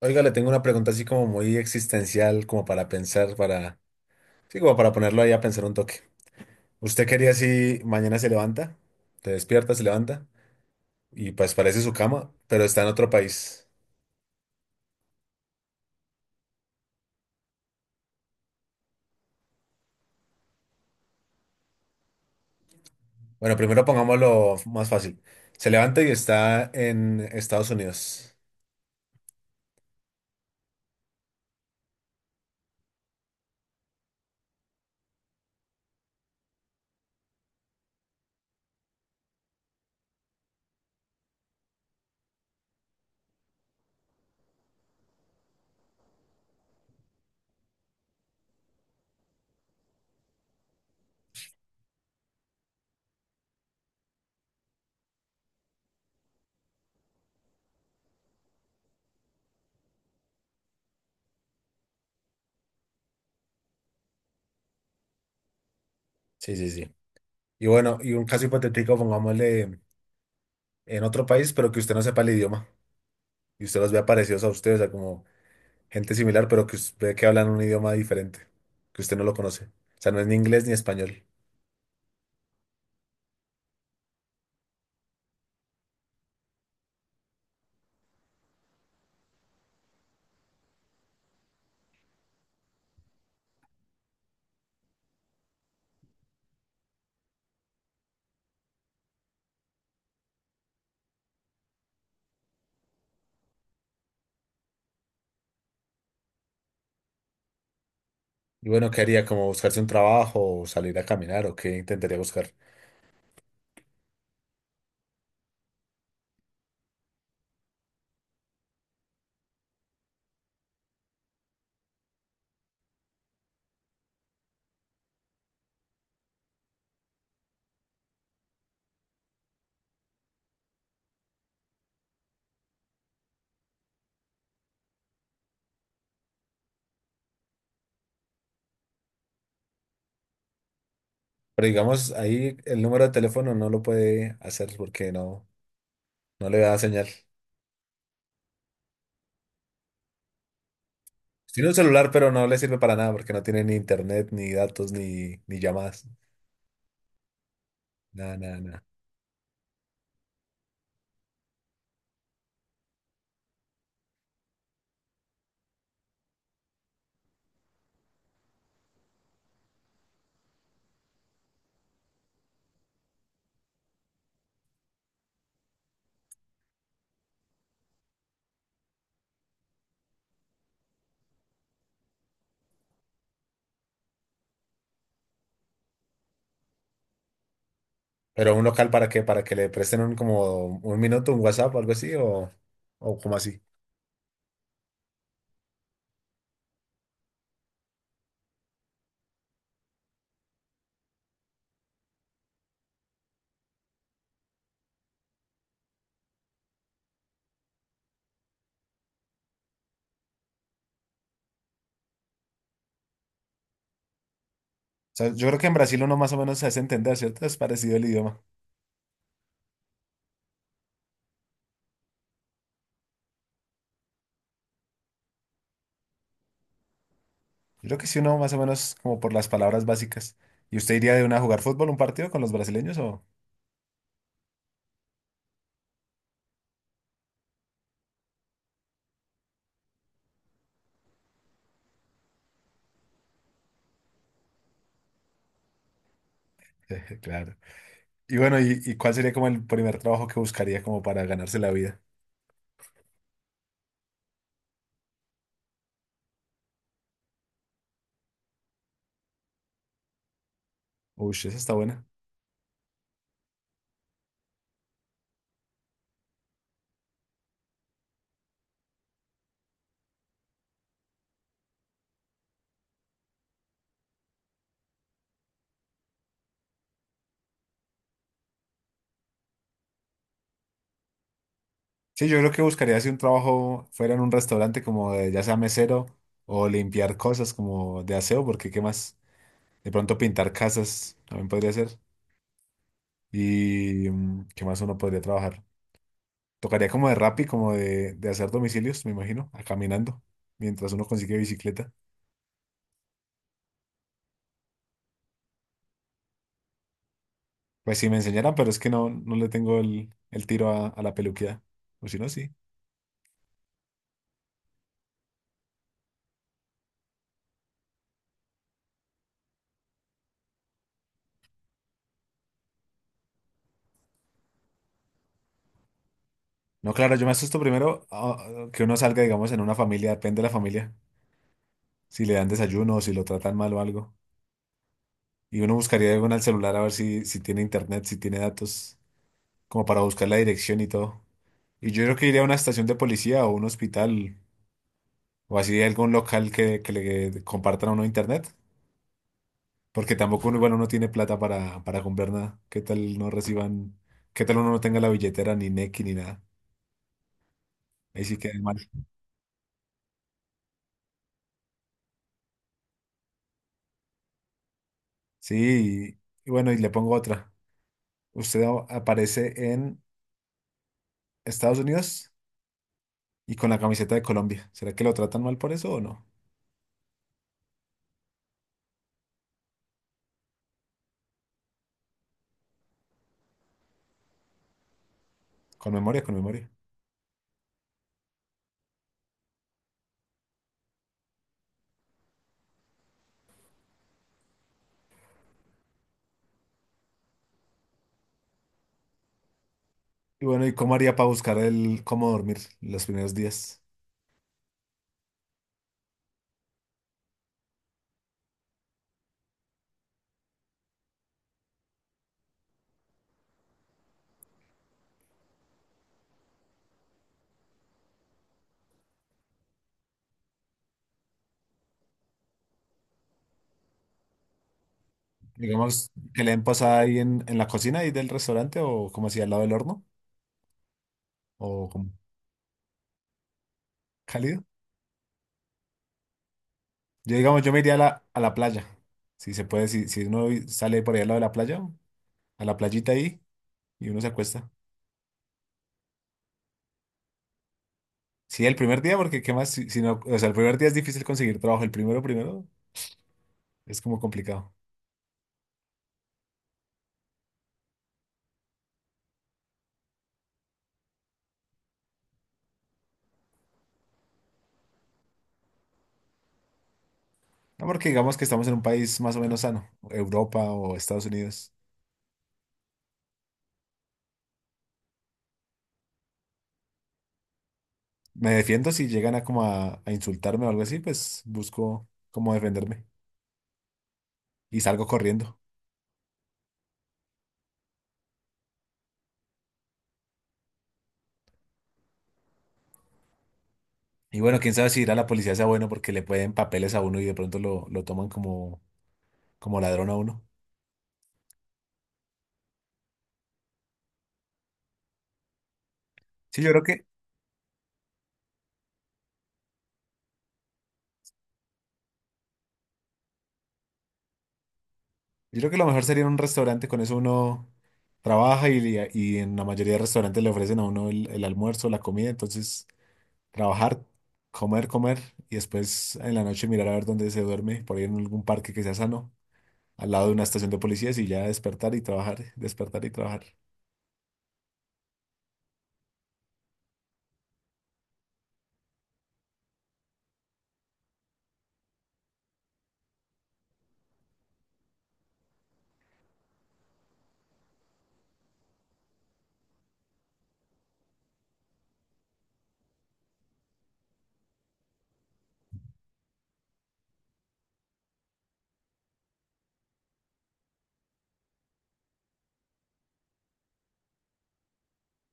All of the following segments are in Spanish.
Oiga, le tengo una pregunta así como muy existencial, como para pensar, para, sí, como para ponerlo ahí a pensar un toque. ¿Usted quería si mañana se levanta, te despierta, se levanta y pues parece su cama, pero está en otro país? Bueno, primero pongámoslo más fácil. Se levanta y está en Estados Unidos. Sí, sí, sí. Y bueno, y un caso hipotético, pongámosle en otro país, pero que usted no sepa el idioma y usted los vea parecidos a ustedes, o sea, como gente similar, pero que, us- ve que hablan un idioma diferente, que usted no lo conoce. O sea, no es ni inglés ni español. Y bueno, ¿qué haría? ¿Como buscarse un trabajo o salir a caminar o qué intentaría buscar? Pero digamos, ahí el número de teléfono no lo puede hacer porque no le da señal. Tiene un celular, pero no le sirve para nada porque no tiene ni internet, ni datos, ni llamadas. Nada, nada, nada. ¿Pero un local para qué? Para que le presten un, como un minuto, un WhatsApp o algo así, o como así. O sea, yo creo que en Brasil uno más o menos se hace entender, ¿cierto? Es parecido el idioma. Yo creo que sí, uno más o menos como por las palabras básicas. ¿Y usted iría de una a jugar fútbol, un partido con los brasileños o...? Claro. Y bueno, ¿y cuál sería como el primer trabajo que buscaría como para ganarse la vida? Uy, esa está buena. Sí, yo creo que buscaría si un trabajo fuera en un restaurante como de, ya sea mesero o limpiar cosas como de aseo, porque qué más, de pronto pintar casas también podría ser. Y qué más uno podría trabajar. Tocaría como de Rappi, como de hacer domicilios, me imagino, a caminando, mientras uno consigue bicicleta. Pues si me enseñaran, pero es que no, no le tengo el tiro a la peluquía. O si no, sí. No, claro, yo me asusto primero que uno salga, digamos, en una familia, depende de la familia. Si le dan desayuno o si lo tratan mal o algo. Y uno buscaría algo en el celular a ver si, si tiene internet, si tiene datos, como para buscar la dirección y todo. Y yo creo que iría a una estación de policía o un hospital o así algún local que le compartan a uno internet. Porque tampoco uno, igual uno tiene plata para comprar nada. ¿Qué tal no reciban? ¿Qué tal uno no tenga la billetera ni Nequi ni nada? Ahí sí queda mal. Sí, y bueno, y le pongo otra. Usted a- aparece en Estados Unidos y con la camiseta de Colombia. ¿Será que lo tratan mal por eso o no? Con memoria, con memoria. Y bueno, ¿y cómo haría para buscar el cómo dormir los primeros días? Digamos, que le den posada ahí en la cocina ahí del restaurante o como así al lado del horno o como cálido. Yo, digamos, yo me iría a la playa. Si se puede, si, si uno sale por ahí al lado de la playa, a la playita ahí, y uno se acuesta. Sí, el primer día, porque qué más, si, si no, o sea, el primer día es difícil conseguir trabajo, el primero, primero, es como complicado. No, porque digamos que estamos en un país más o menos sano, Europa o Estados Unidos. Me defiendo si llegan a como a insultarme o algo así, pues busco cómo defenderme y salgo corriendo. Y bueno, quién sabe si ir a la policía sea bueno porque le pueden papeles a uno y de pronto lo toman como, como ladrón a uno. Sí, yo creo que lo mejor sería un restaurante, con eso uno trabaja y en la mayoría de restaurantes le ofrecen a uno el almuerzo, la comida, entonces trabajar, comer, comer y después en la noche mirar a ver dónde se duerme, por ahí en algún parque que sea sano, al lado de una estación de policías y ya despertar y trabajar, despertar y trabajar.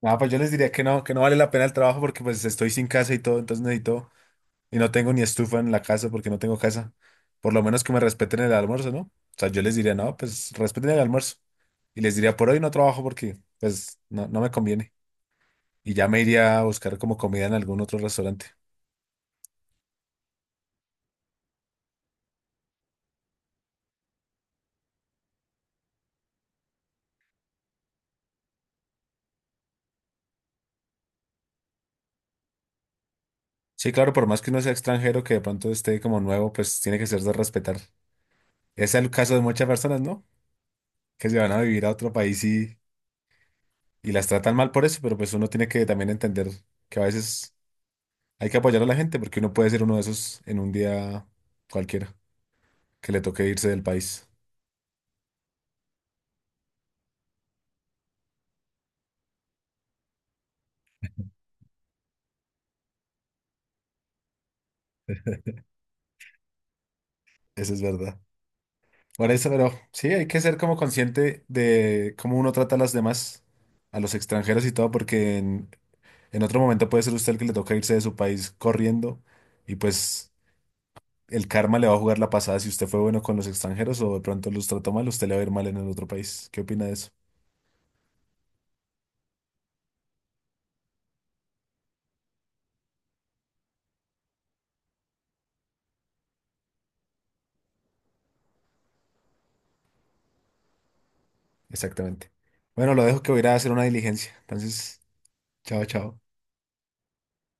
Nada, pues yo les diría que no vale la pena el trabajo porque pues estoy sin casa y todo, entonces necesito. Y no tengo ni estufa en la casa porque no tengo casa. Por lo menos que me respeten el almuerzo, ¿no? O sea, yo les diría, no, pues respeten el almuerzo. Y les diría, por hoy no trabajo porque, pues, no, no me conviene. Y ya me iría a buscar como comida en algún otro restaurante. Sí, claro, por más que uno sea extranjero, que de pronto esté como nuevo, pues tiene que ser de respetar. Es el caso de muchas personas, ¿no? Que se van a vivir a otro país y las tratan mal por eso, pero pues uno tiene que también entender que a veces hay que apoyar a la gente porque uno puede ser uno de esos en un día cualquiera. Que le toque irse del país. Eso es verdad. Por eso, pero sí, hay que ser como consciente de cómo uno trata a las demás, a los extranjeros y todo, porque en otro momento puede ser usted el que le toca irse de su país corriendo y pues el karma le va a jugar la pasada si usted fue bueno con los extranjeros o de pronto los trató mal, usted le va a ir mal en el otro país. ¿Qué opina de eso? Exactamente. Bueno, lo dejo que voy a ir a hacer una diligencia. Entonces, chao, chao.